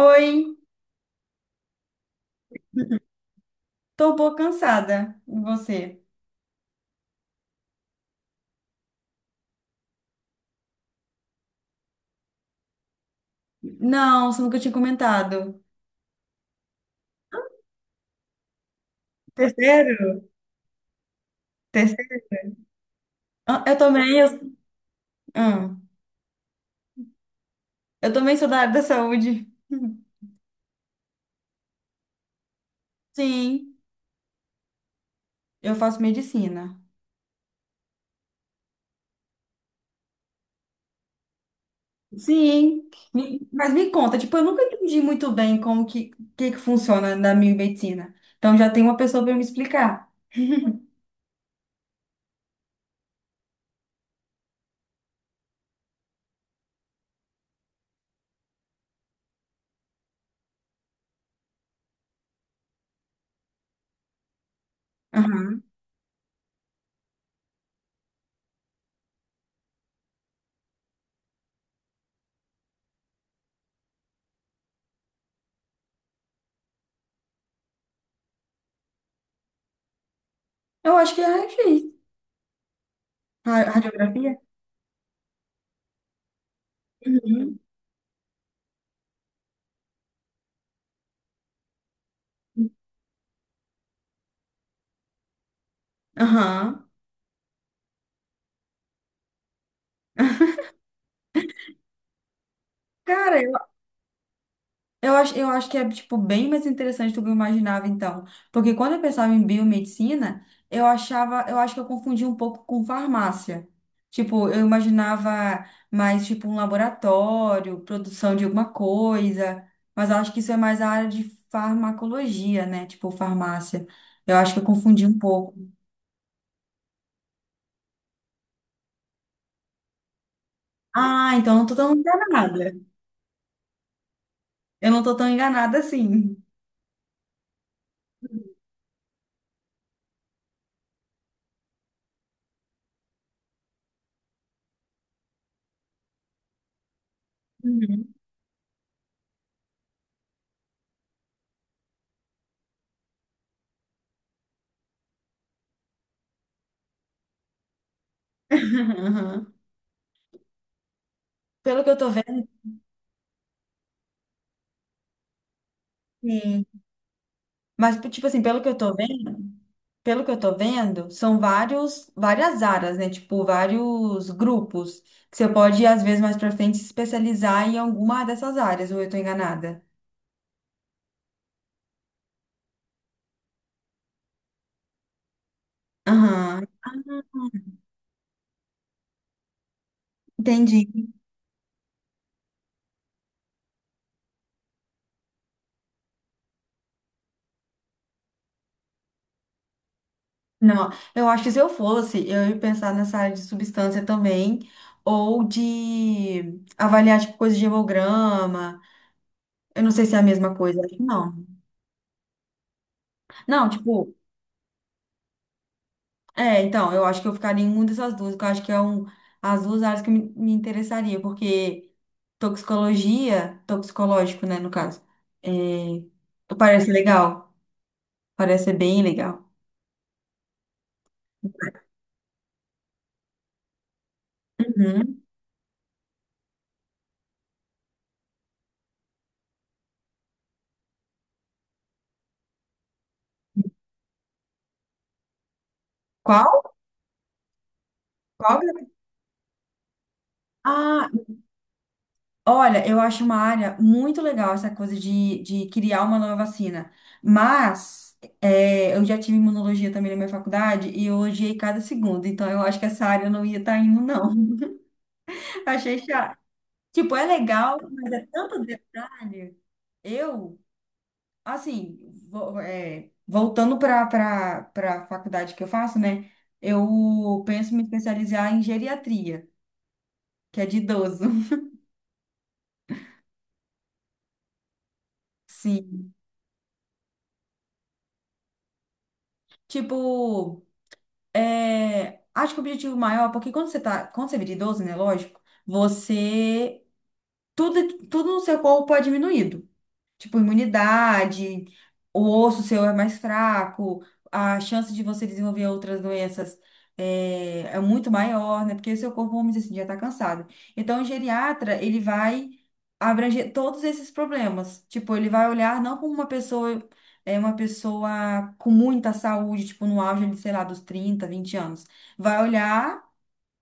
Oi, tô um pouco cansada. E você? Não, você nunca tinha comentado. Terceiro? Terceiro? Ah, eu, ah, eu também sou da área da saúde. Sim, eu faço medicina. Sim, mas me conta, tipo, eu nunca entendi muito bem como que funciona na minha medicina. Então já tem uma pessoa para me explicar. Aham. Eu acho que é raio-x. Radiografia? Uhum. Aham. Cara, eu acho que é, tipo, bem mais interessante do que eu imaginava, então. Porque quando eu pensava em biomedicina, eu acho que eu confundia um pouco com farmácia. Tipo, eu imaginava mais, tipo, um laboratório, produção de alguma coisa. Mas eu acho que isso é mais a área de farmacologia, né? Tipo, farmácia. Eu acho que eu confundi um pouco. Ah, então eu não tô tão enganada. Eu não tô tão enganada assim. Uhum. Pelo que eu tô vendo, sim. Mas, tipo assim, pelo que eu tô vendo, pelo que eu tô vendo, são várias áreas, né? Tipo, vários grupos que você pode, às vezes, mais pra frente, se especializar em alguma dessas áreas, ou eu tô enganada? Aham, entendi. Não, eu acho que se eu fosse, eu ia pensar nessa área de substância também, ou de avaliar, tipo, coisa de hemograma. Eu não sei se é a mesma coisa, acho que não. Não, tipo, é, então, eu acho que eu ficaria em uma dessas duas, que eu acho que é um, as duas áreas que me interessaria, porque toxicologia, toxicológico, né, no caso, é, parece legal, parece ser bem legal. Uhum. Qual? Qual? É? Ah, olha, eu acho uma área muito legal essa coisa de criar uma nova vacina, mas é, eu já tive imunologia também na minha faculdade e eu odiei cada segundo, então eu acho que essa área eu não ia estar indo, não. Achei chato. Tipo, é legal, mas é tanto detalhe. Eu, assim, é, voltando para a faculdade que eu faço, né? Eu penso me especializar em geriatria, que é de idoso. Sim. Tipo, é, acho que o objetivo maior, porque quando você vira idoso, né? Lógico, você. Tudo no seu corpo é diminuído. Tipo, imunidade, o osso seu é mais fraco, a chance de você desenvolver outras doenças é muito maior, né? Porque o seu corpo, vamos dizer assim, já está cansado. Então, o geriatra, ele vai abranger todos esses problemas. Tipo, ele vai olhar não como uma pessoa, é uma pessoa com muita saúde, tipo, no auge, de, sei lá, dos 30, 20 anos. Vai olhar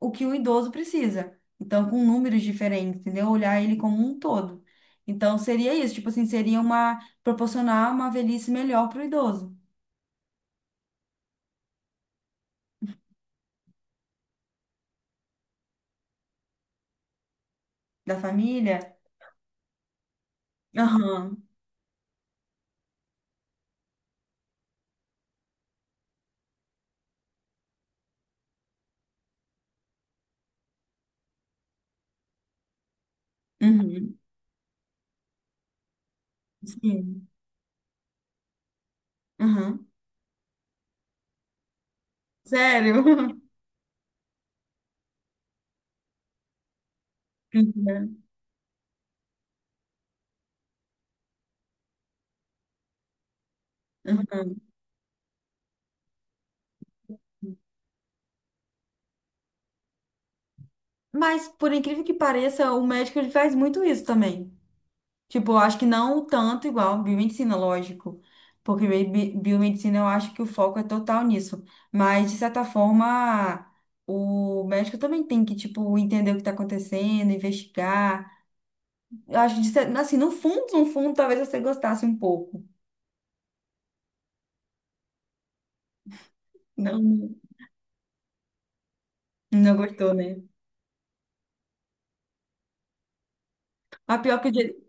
o que o idoso precisa. Então, com números diferentes, entendeu? Olhar ele como um todo. Então, seria isso, tipo assim, seria uma proporcionar uma velhice melhor para o idoso da família. Aham. Uhum. Sim. Aham. Sério? Uhum. Uhum. Mas, por incrível que pareça, o médico ele faz muito isso também. Tipo, eu acho que não tanto igual biomedicina, lógico. Porque biomedicina eu acho que o foco é total nisso. Mas, de certa forma, o médico também tem que, tipo, entender o que está acontecendo, investigar. Eu acho que, assim, no fundo, no fundo, talvez você gostasse um pouco. Não, não gostou, né? A pior que, o jeito-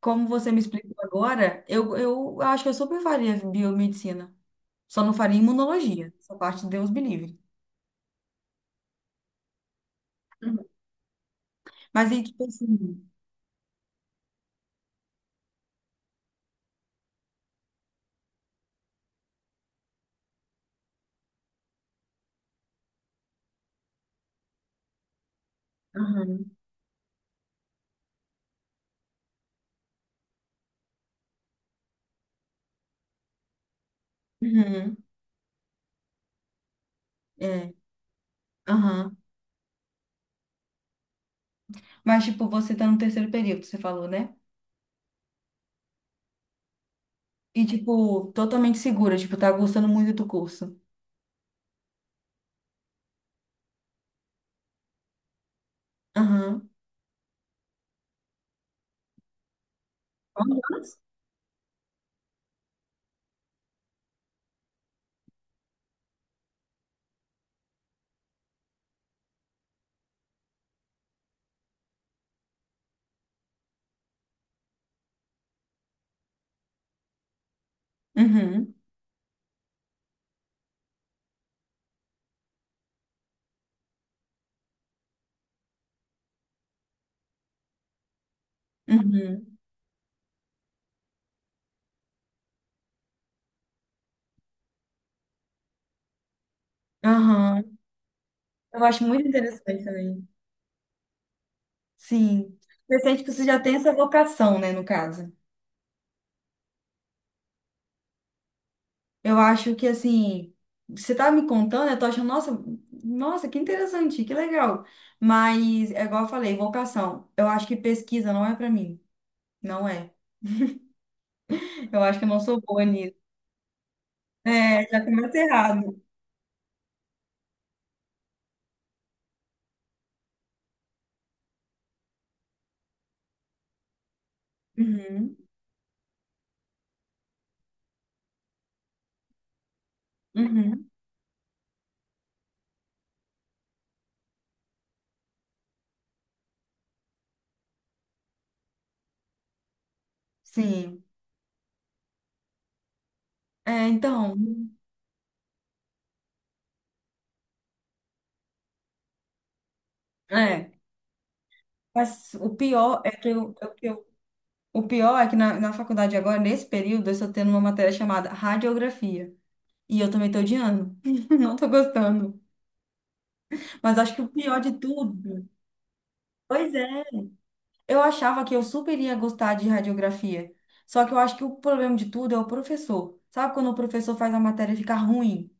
Como você me explicou agora, eu acho que eu super faria biomedicina. Só não faria imunologia. Essa parte, Deus me livre. Mas aí, tipo assim. Aham. Uhum. É, aham. Mas, tipo, você tá no terceiro período, você falou, né? E, tipo, totalmente segura, tipo, tá gostando muito do curso. Aham. Honras? Uhum. Uhum. Aham. Eu acho muito interessante também. Sim. Você sente que você já tem essa vocação, né, no caso. Eu acho que, assim, você tá me contando, eu tô achando, nossa, nossa, que interessante, que legal. Mas, é igual eu falei, vocação. Eu acho que pesquisa não é pra mim. Não é. Eu acho que eu não sou boa nisso. É, já começa errado. Uhum, uhum, sim. É, então, é. Mas o pior é que o pior é que na, na faculdade agora, nesse período, eu estou tendo uma matéria chamada radiografia. E eu também estou odiando. Não estou gostando. Mas acho que o pior de tudo. Pois é. Eu achava que eu super ia gostar de radiografia. Só que eu acho que o problema de tudo é o professor. Sabe quando o professor faz a matéria ficar ruim?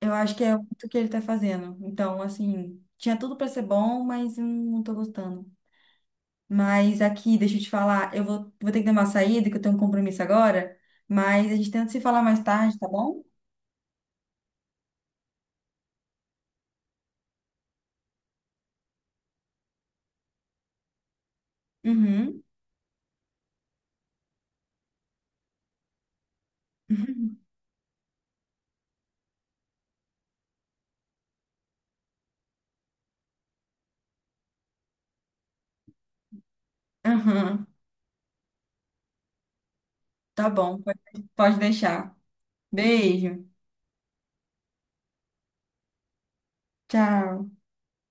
Eu acho que é muito o que ele tá fazendo. Então, assim, tinha tudo pra ser bom, mas eu não tô gostando. Mas aqui, deixa eu te falar, vou ter que dar uma saída, que eu tenho um compromisso agora, mas a gente tenta se falar mais tarde, tá bom? Uhum. Uhum. Tá bom, pode deixar. Beijo. Tchau.